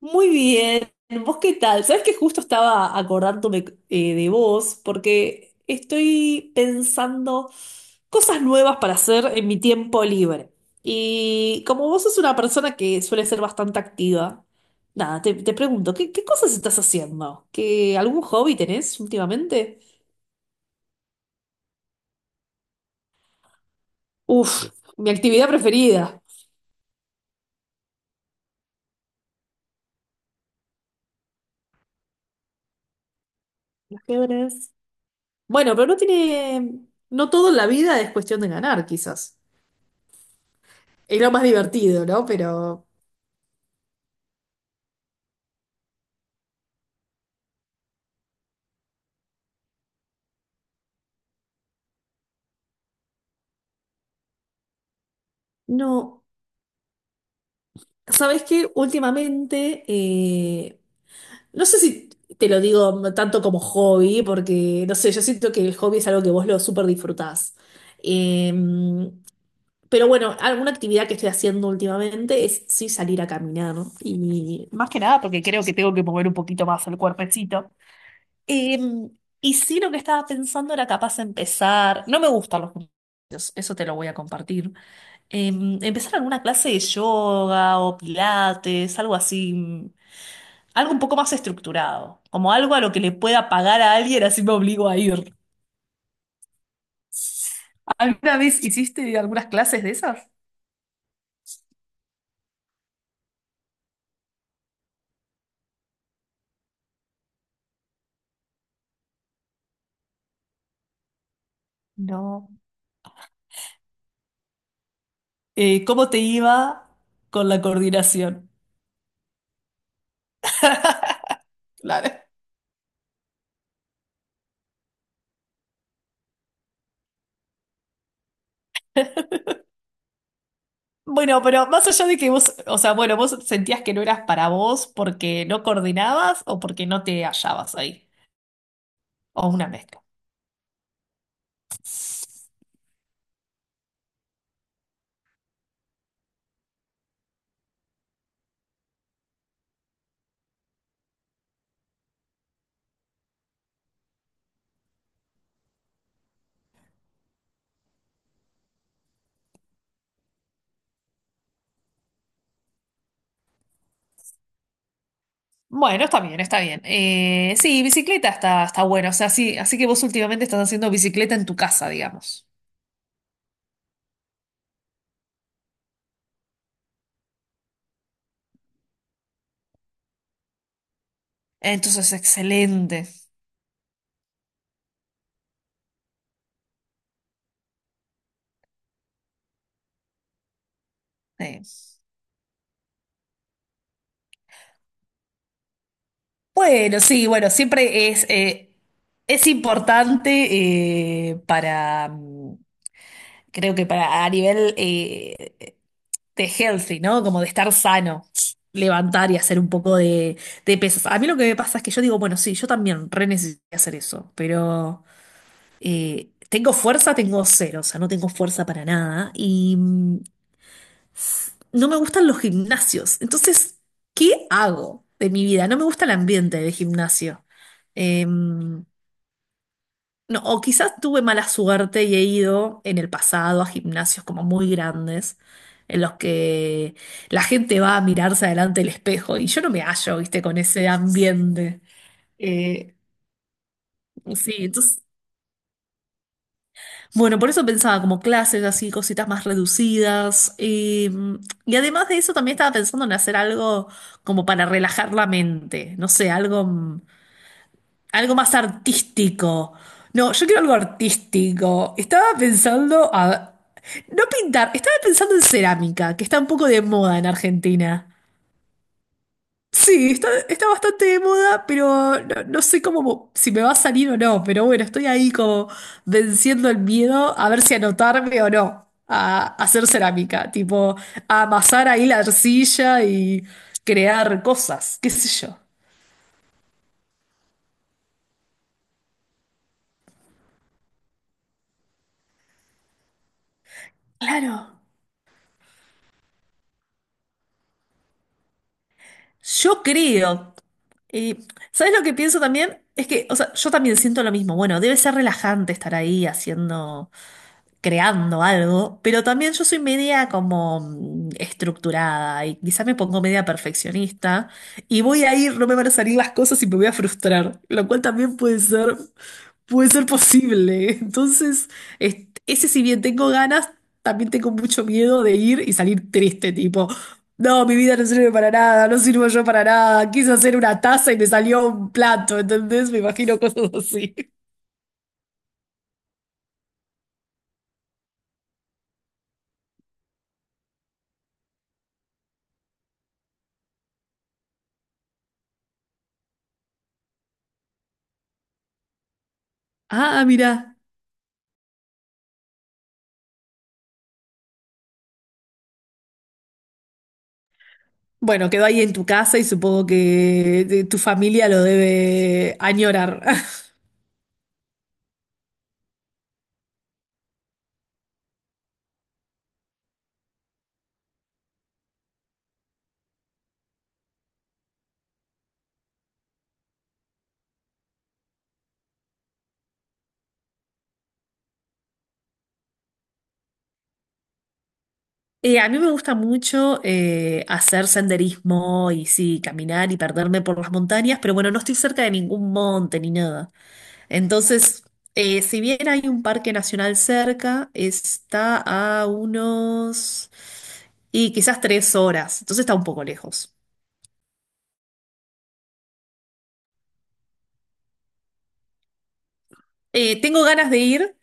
Muy bien, ¿vos qué tal? Sabes que justo estaba acordándome de vos porque estoy pensando cosas nuevas para hacer en mi tiempo libre. Y como vos sos una persona que suele ser bastante activa, nada, te pregunto, qué cosas estás haciendo? ¿Qué, algún hobby tenés últimamente? Uf, mi actividad preferida. El ajedrez. Bueno, pero no tiene, no todo en la vida es cuestión de ganar, quizás. Es lo más divertido, ¿no? Pero... No, ¿sabes qué? Últimamente, no sé si te lo digo tanto como hobby, porque no sé, yo siento que el hobby es algo que vos lo súper disfrutás. Eh, pero bueno, alguna actividad que estoy haciendo últimamente es sí salir a caminar, ¿no? Y más que nada porque creo que tengo que mover un poquito más el cuerpecito. Eh, y sí, lo que estaba pensando era capaz de empezar. No me gustan los gimnasios, eso te lo voy a compartir. Empezar alguna clase de yoga o pilates, algo así, algo un poco más estructurado, como algo a lo que le pueda pagar a alguien, así me obligo a ir. ¿Alguna vez hiciste algunas clases de esas? No. ¿Cómo te iba con la coordinación? Claro. Bueno, pero más allá de que vos, o sea, bueno, vos sentías que no eras para vos porque no coordinabas o porque no te hallabas ahí, o una mezcla. Bueno, está bien, está bien. Sí, bicicleta está, está bueno. O sea, sí, así que vos últimamente estás haciendo bicicleta en tu casa, digamos. Entonces, excelente. Sí. Bueno, sí, bueno, siempre es importante para, creo que para a nivel de healthy, ¿no? Como de estar sano, levantar y hacer un poco de pesas. A mí lo que me pasa es que yo digo, bueno, sí, yo también re necesito hacer eso, pero... tengo fuerza, tengo cero, o sea, no tengo fuerza para nada y no me gustan los gimnasios. Entonces, ¿qué hago de mi vida? No me gusta el ambiente de gimnasio. No, o quizás tuve mala suerte y he ido en el pasado a gimnasios como muy grandes en los que la gente va a mirarse adelante el espejo y yo no me hallo, viste, con ese ambiente. Eh, sí, entonces... Bueno, por eso pensaba como clases así, cositas más reducidas. Y además de eso también estaba pensando en hacer algo como para relajar la mente, no sé, algo, algo más artístico. No, yo quiero algo artístico. Estaba pensando a... No pintar, estaba pensando en cerámica, que está un poco de moda en Argentina. Sí, está, está bastante de moda, pero no, no sé cómo si me va a salir o no. Pero bueno, estoy ahí como venciendo el miedo a ver si anotarme o no a hacer cerámica, tipo a amasar ahí la arcilla y crear cosas, qué sé yo. Claro, yo creo. Y, ¿sabes lo que pienso también? Es que, o sea, yo también siento lo mismo. Bueno, debe ser relajante estar ahí haciendo. Creando algo, pero también yo soy media como estructurada y quizás me pongo media perfeccionista y voy a ir, no me van a salir las cosas y me voy a frustrar, lo cual también puede ser posible. Entonces, ese si bien tengo ganas, también tengo mucho miedo de ir y salir triste, tipo, no, mi vida no sirve para nada, no sirvo yo para nada, quise hacer una taza y me salió un plato, ¿entendés? Me imagino cosas así. Ah, mira. Bueno, quedó ahí en tu casa y supongo que tu familia lo debe añorar. A mí me gusta mucho hacer senderismo y sí, caminar y perderme por las montañas, pero bueno, no estoy cerca de ningún monte ni nada. Entonces, si bien hay un parque nacional cerca, está a unos... y quizás 3 horas, entonces está un poco lejos. Tengo ganas de ir,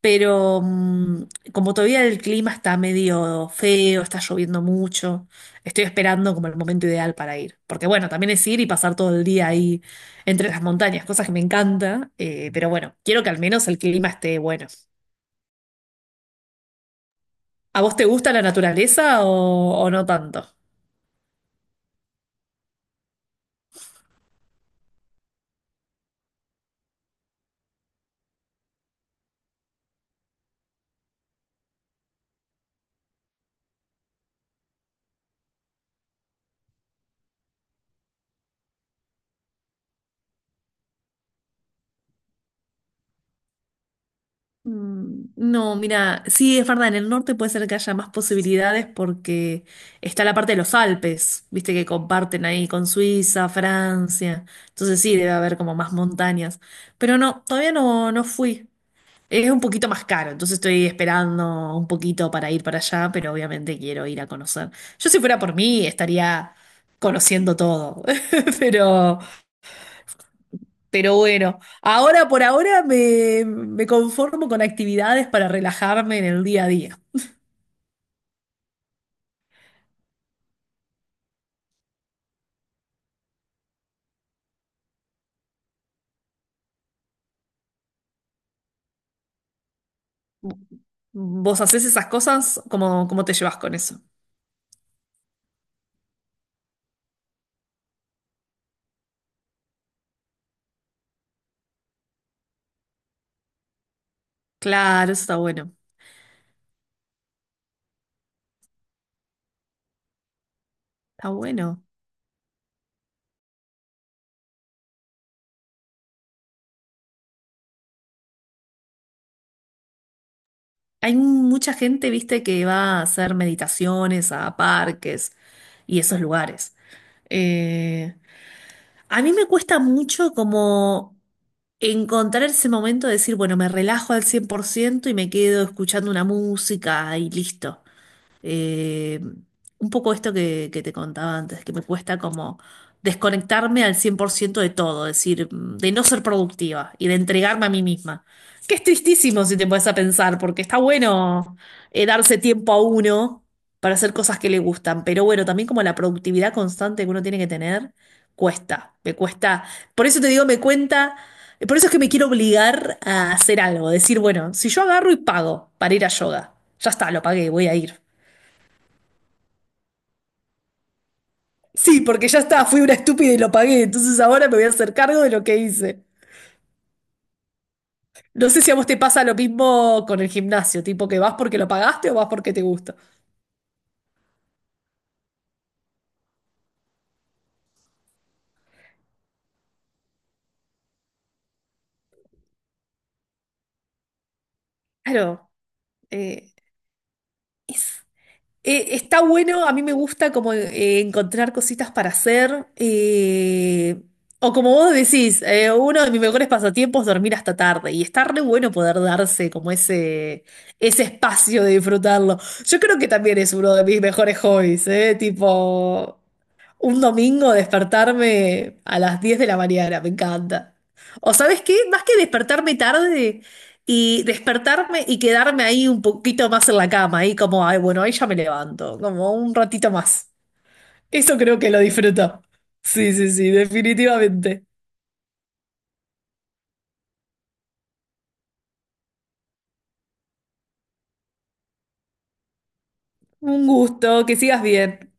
pero como todavía el clima está medio feo, está lloviendo mucho, estoy esperando como el momento ideal para ir. Porque bueno, también es ir y pasar todo el día ahí entre las montañas, cosas que me encanta, pero bueno, quiero que al menos el clima esté bueno. ¿A vos te gusta la naturaleza o no tanto? No, mira, sí, es verdad, en el norte puede ser que haya más posibilidades porque está la parte de los Alpes, viste que comparten ahí con Suiza, Francia, entonces sí, debe haber como más montañas, pero no, todavía no, no fui, es un poquito más caro, entonces estoy esperando un poquito para ir para allá, pero obviamente quiero ir a conocer. Yo si fuera por mí estaría conociendo todo, pero... Pero bueno, ahora por ahora me conformo con actividades para relajarme en el día a día. ¿Vos hacés esas cosas? Cómo te llevas con eso? Claro, eso está bueno. Está bueno. Hay mucha gente, viste, que va a hacer meditaciones a parques y esos lugares. Eh, a mí me cuesta mucho como encontrar ese momento de decir, bueno, me relajo al 100% y me quedo escuchando una música y listo. Eh, un poco esto que te contaba antes, que me cuesta como desconectarme al 100% de todo, es decir, de no ser productiva y de entregarme a mí misma. Que es tristísimo si te pones a pensar, porque está bueno darse tiempo a uno para hacer cosas que le gustan, pero bueno, también como la productividad constante que uno tiene que tener, cuesta, me cuesta. Por eso te digo, me cuenta... Por eso es que me quiero obligar a hacer algo, decir, bueno, si yo agarro y pago para ir a yoga, ya está, lo pagué, voy a ir. Sí, porque ya está, fui una estúpida y lo pagué, entonces ahora me voy a hacer cargo de lo que hice. No sé si a vos te pasa lo mismo con el gimnasio, tipo que vas porque lo pagaste o vas porque te gusta. Claro, eh, es- está bueno, a mí me gusta como encontrar cositas para hacer, o como vos decís, uno de mis mejores pasatiempos es dormir hasta tarde y está re bueno poder darse como ese espacio de disfrutarlo. Yo creo que también es uno de mis mejores hobbies, ¿eh? Tipo... Un domingo despertarme a las 10 de la mañana, me encanta. O sabes qué, más que despertarme tarde y despertarme y quedarme ahí un poquito más en la cama, ahí como, ay, bueno, ahí ya me levanto, como un ratito más. Eso creo que lo disfruto. Sí, sí, sí, definitivamente. Un gusto, que sigas bien.